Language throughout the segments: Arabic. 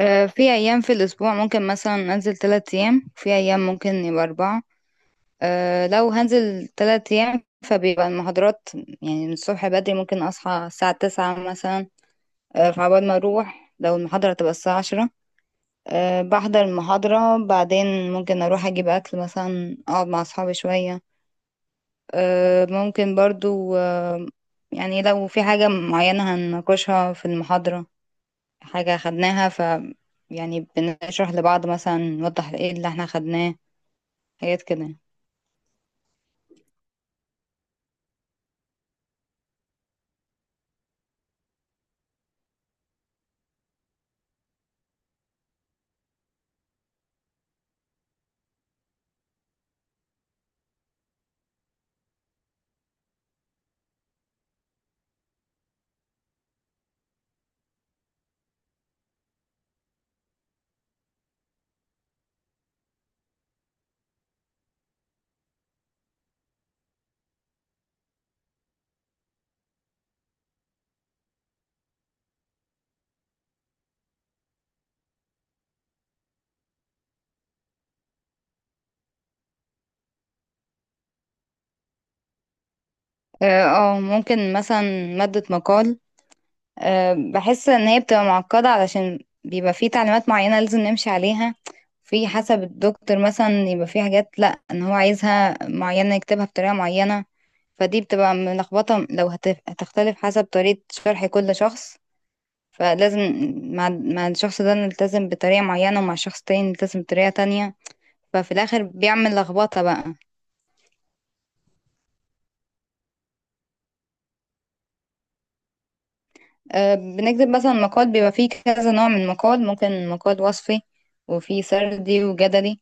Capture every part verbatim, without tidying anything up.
آه، في أيام في الأسبوع ممكن مثلا أنزل تلات أيام، في أيام ممكن يبقى أربعة. أه لو هنزل تلات أيام فبيبقى المحاضرات يعني من الصبح بدري، ممكن أصحى الساعة تسعة مثلا. أه فعبال ما أروح لو المحاضرة تبقى الساعة عشرة. أه بحضر المحاضرة، بعدين ممكن أروح أجيب أكل مثلا، أقعد مع أصحابي شوية. أه ممكن برضو أه يعني لو في حاجة معينة هنناقشها في المحاضرة، حاجة خدناها ف يعني بنشرح لبعض مثلا، نوضح ايه اللي احنا خدناه، حاجات كده. اه. آه، ممكن مثلا مادة مقال. أه بحس ان هي بتبقى معقدة، علشان بيبقى في تعليمات معينة لازم نمشي عليها. في حسب الدكتور مثلا يبقى في حاجات، لا ان هو عايزها معينة يكتبها بطريقة معينة. فدي بتبقى ملخبطة، لو هت- هتختلف حسب طريقة شرح كل شخص. فلازم مع مع الشخص ده نلتزم بطريقة معينة، ومع شخص تاني نلتزم بطريقة تانية. ففي الاخر بيعمل لخبطه بقى. أه بنكتب مثلا مقال، بيبقى فيه كذا نوع من المقال، ممكن مقال وصفي وفي سردي وجدلي.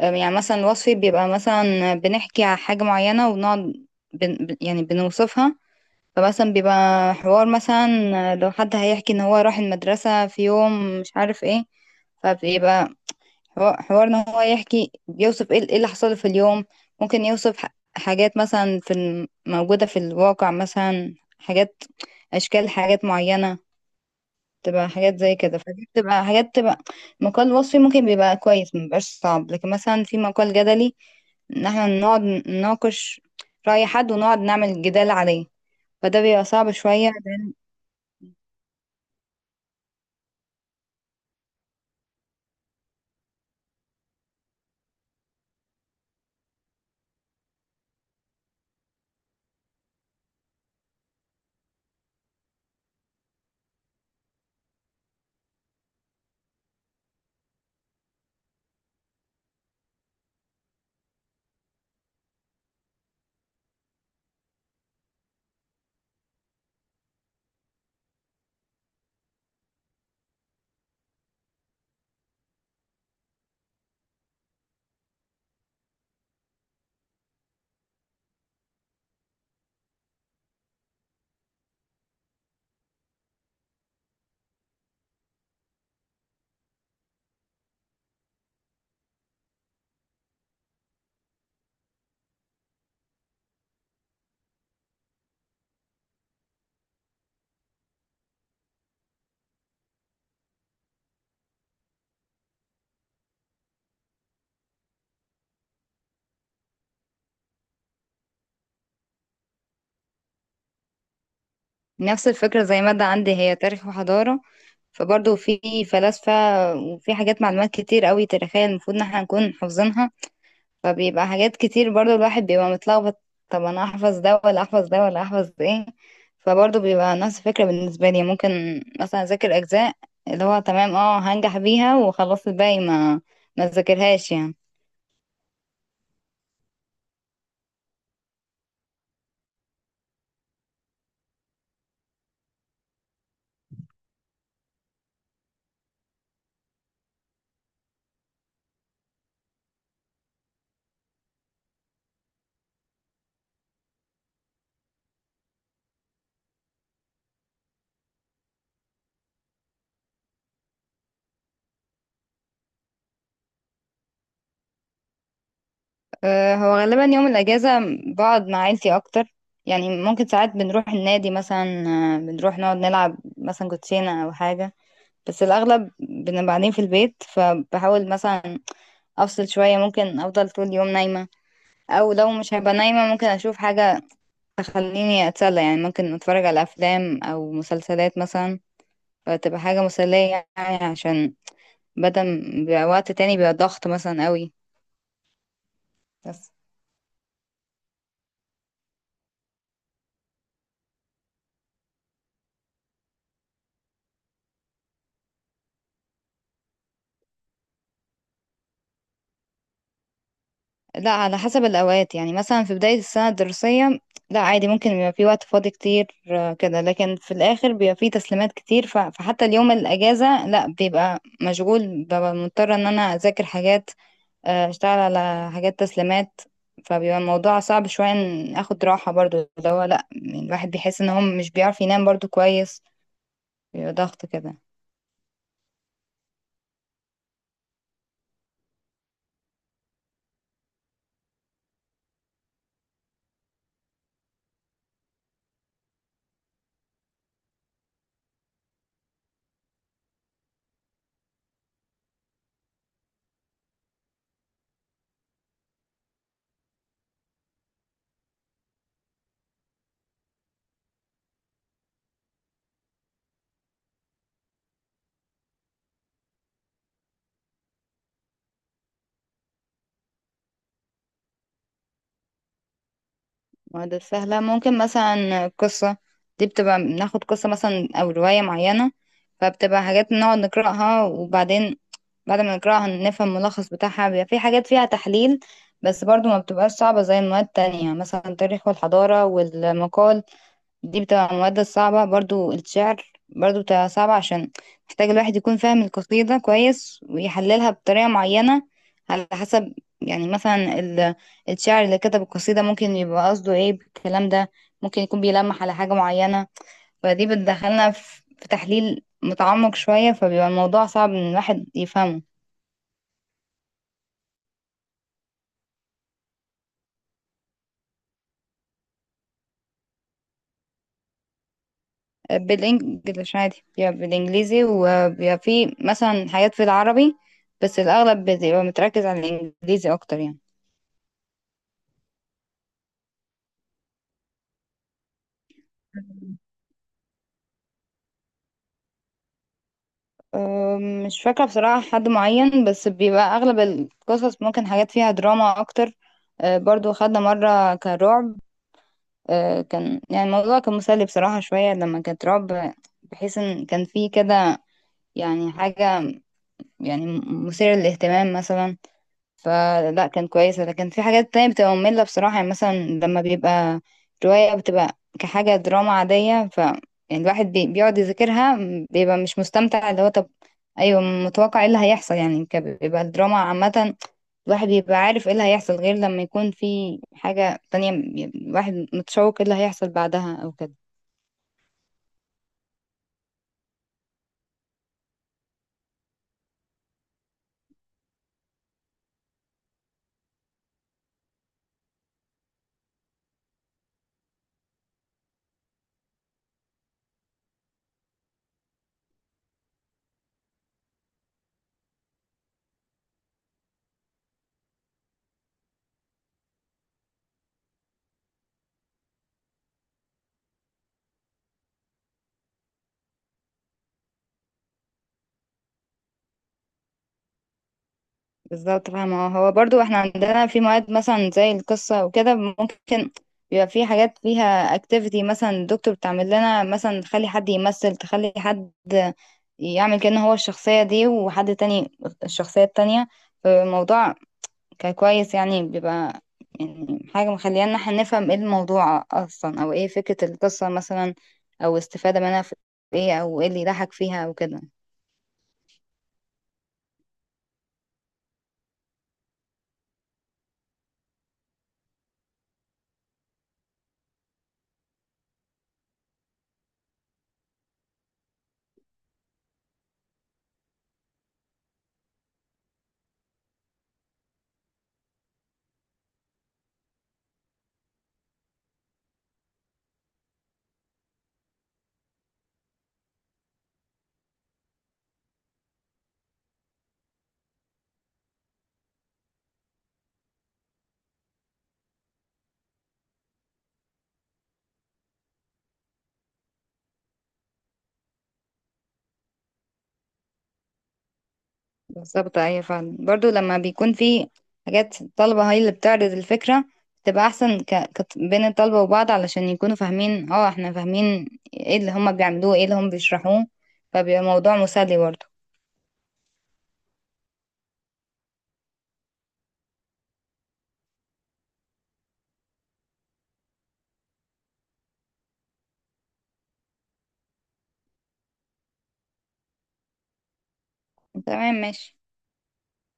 أه يعني مثلا الوصفي بيبقى مثلا بنحكي على حاجه معينه، ونقعد بن بن- يعني بنوصفها. فمثلا بيبقى حوار مثلا، لو حد هيحكي ان هو راح المدرسه في يوم مش عارف ايه، فبيبقى هو- حوارنا هو يحكي بيوصف ايه، إيه اللي حصل في اليوم. ممكن يوصف ح- حاجات مثلا في الم- موجودة في الواقع، مثلا حاجات، أشكال، حاجات معينة. تبقى حاجات زي كده. فدي بتبقى حاجات تبقى مقال وصفي، ممكن بيبقى كويس، مبيبقاش صعب. لكن مثلا في مقال جدلي، إن احنا نقعد نناقش رأي حد ونقعد نعمل جدال عليه. فده بيبقى صعب شوية، لأن نفس الفكرة زي مادة عندي، هي تاريخ وحضارة. فبرضه في فلاسفة وفي حاجات، معلومات كتير قوي تاريخية المفروض ان احنا نكون حافظينها. فبيبقى حاجات كتير، برضه الواحد بيبقى متلخبط. طب انا احفظ ده ولا احفظ ده ولا احفظ ده ايه؟ فبرضه بيبقى نفس الفكرة بالنسبة لي. ممكن مثلا اذاكر اجزاء اللي هو تمام، اه هنجح بيها وخلاص، الباقي ما ما ذاكرهاش يعني. أه هو غالبا يوم الاجازة بقعد مع عيلتي اكتر. يعني ممكن ساعات بنروح النادي مثلا، آه، بنروح نقعد نلعب مثلا كوتشينة او حاجة. بس الأغلب بنبقى قاعدين في البيت، فبحاول مثلا أفصل شوية. ممكن أفضل طول اليوم نايمة، أو لو مش هبقى نايمة ممكن أشوف حاجة تخليني أتسلى. يعني ممكن أتفرج على أفلام أو مسلسلات مثلا، فتبقى حاجة مسلية يعني، عشان بدل ما بيبقى وقت تاني بيبقى ضغط مثلا قوي. بس لا، على حسب الأوقات. يعني مثلا في بداية السنة الدراسية، لا عادي ممكن يبقى في وقت فاضي كتير آه، كده. لكن في الآخر بيبقى في تسليمات كتير، ف- فحتى اليوم الأجازة لا، بيبقى مشغول. ببقى مضطرة إن أنا أذاكر حاجات، آه، أشتغل على حاجات تسليمات. فبيبقى الموضوع صعب شوية إن أخد راحة برضو، اللي هو لا يعني الواحد بيحس إن هو مش بيعرف ينام برضو كويس. بيبقى ضغط كده. معادلة سهلة ممكن مثلا قصة. دي بتبقى بناخد قصة مثلا أو رواية معينة، فبتبقى حاجات نقعد نقرأها. وبعدين بعد ما نقرأها نفهم الملخص بتاعها، بيبقى في حاجات فيها تحليل. بس برضو ما بتبقاش صعبة زي المواد التانية، مثلا التاريخ والحضارة والمقال. دي بتبقى المواد الصعبة. برضو الشعر برضو بتبقى صعبة، عشان محتاج الواحد يكون فاهم القصيدة كويس، ويحللها بطريقة معينة، على حسب يعني مثلا ال- الشاعر اللي كتب القصيدة ممكن يبقى قصده ايه بالكلام ده. ممكن يكون بيلمح على حاجة معينة. فدي بتدخلنا في في تحليل متعمق شوية، فبيبقى الموضوع صعب ان الواحد يفهمه. بالانجلش عادي، بيبقى بالانجليزي، وبيبقى فيه مثلا حاجات في العربي، بس الأغلب بيبقى متركز على الإنجليزي أكتر يعني. أم، مش فاكرة بصراحة حد معين، بس بيبقى أغلب القصص ممكن حاجات فيها دراما أكتر. أه، برضو خدنا مرة كان رعب. أه، كان يعني الموضوع كان مسلي بصراحة شوية لما كانت رعب، بحيث إن كان فيه كده يعني حاجة، يعني مثيرة للاهتمام مثلا. فلا كان كويس. لكن في حاجات تانية بتبقى مملة بصراحة، يعني مثلا لما بيبقى رواية بتبقى كحاجة دراما عادية. ف يعني الواحد بي- بيقعد يذاكرها، بيبقى مش مستمتع. اللي هو طب ايوه، متوقع ايه اللي هيحصل يعني، ك- بيبقى الدراما عامة، الواحد بيبقى عارف ايه اللي هيحصل، غير لما يكون في حاجة تانية م- يعني الواحد متشوق ايه اللي هيحصل بعدها او كده. بالظبط، فاهمة. هو برضو احنا عندنا في مواد مثلا زي القصة وكده، ممكن بيبقى في حاجات فيها اكتيفيتي. مثلا الدكتور بتعمل لنا مثلا، تخلي حد يمثل، تخلي حد يعمل كأنه هو الشخصية دي، وحد تاني الشخصية التانية. فالموضوع كان كويس يعني. بيبقى يعني حاجة مخلينا احنا نفهم ايه الموضوع اصلا، او ايه فكرة القصة مثلا، او استفادة منها في ايه، او ايه اللي يضحك فيها او كده. بالظبط ايوه، فعلا. برضو لما بيكون في حاجات الطلبة هي اللي بتعرض الفكرة، بتبقى احسن ك... كت- بين الطلبة وبعض، علشان يكونوا فاهمين اه احنا فاهمين ايه اللي هما بيعملوه، ايه اللي هما بيشرحوه. فبيبقى موضوع مسلي برضو. تمام ماشي.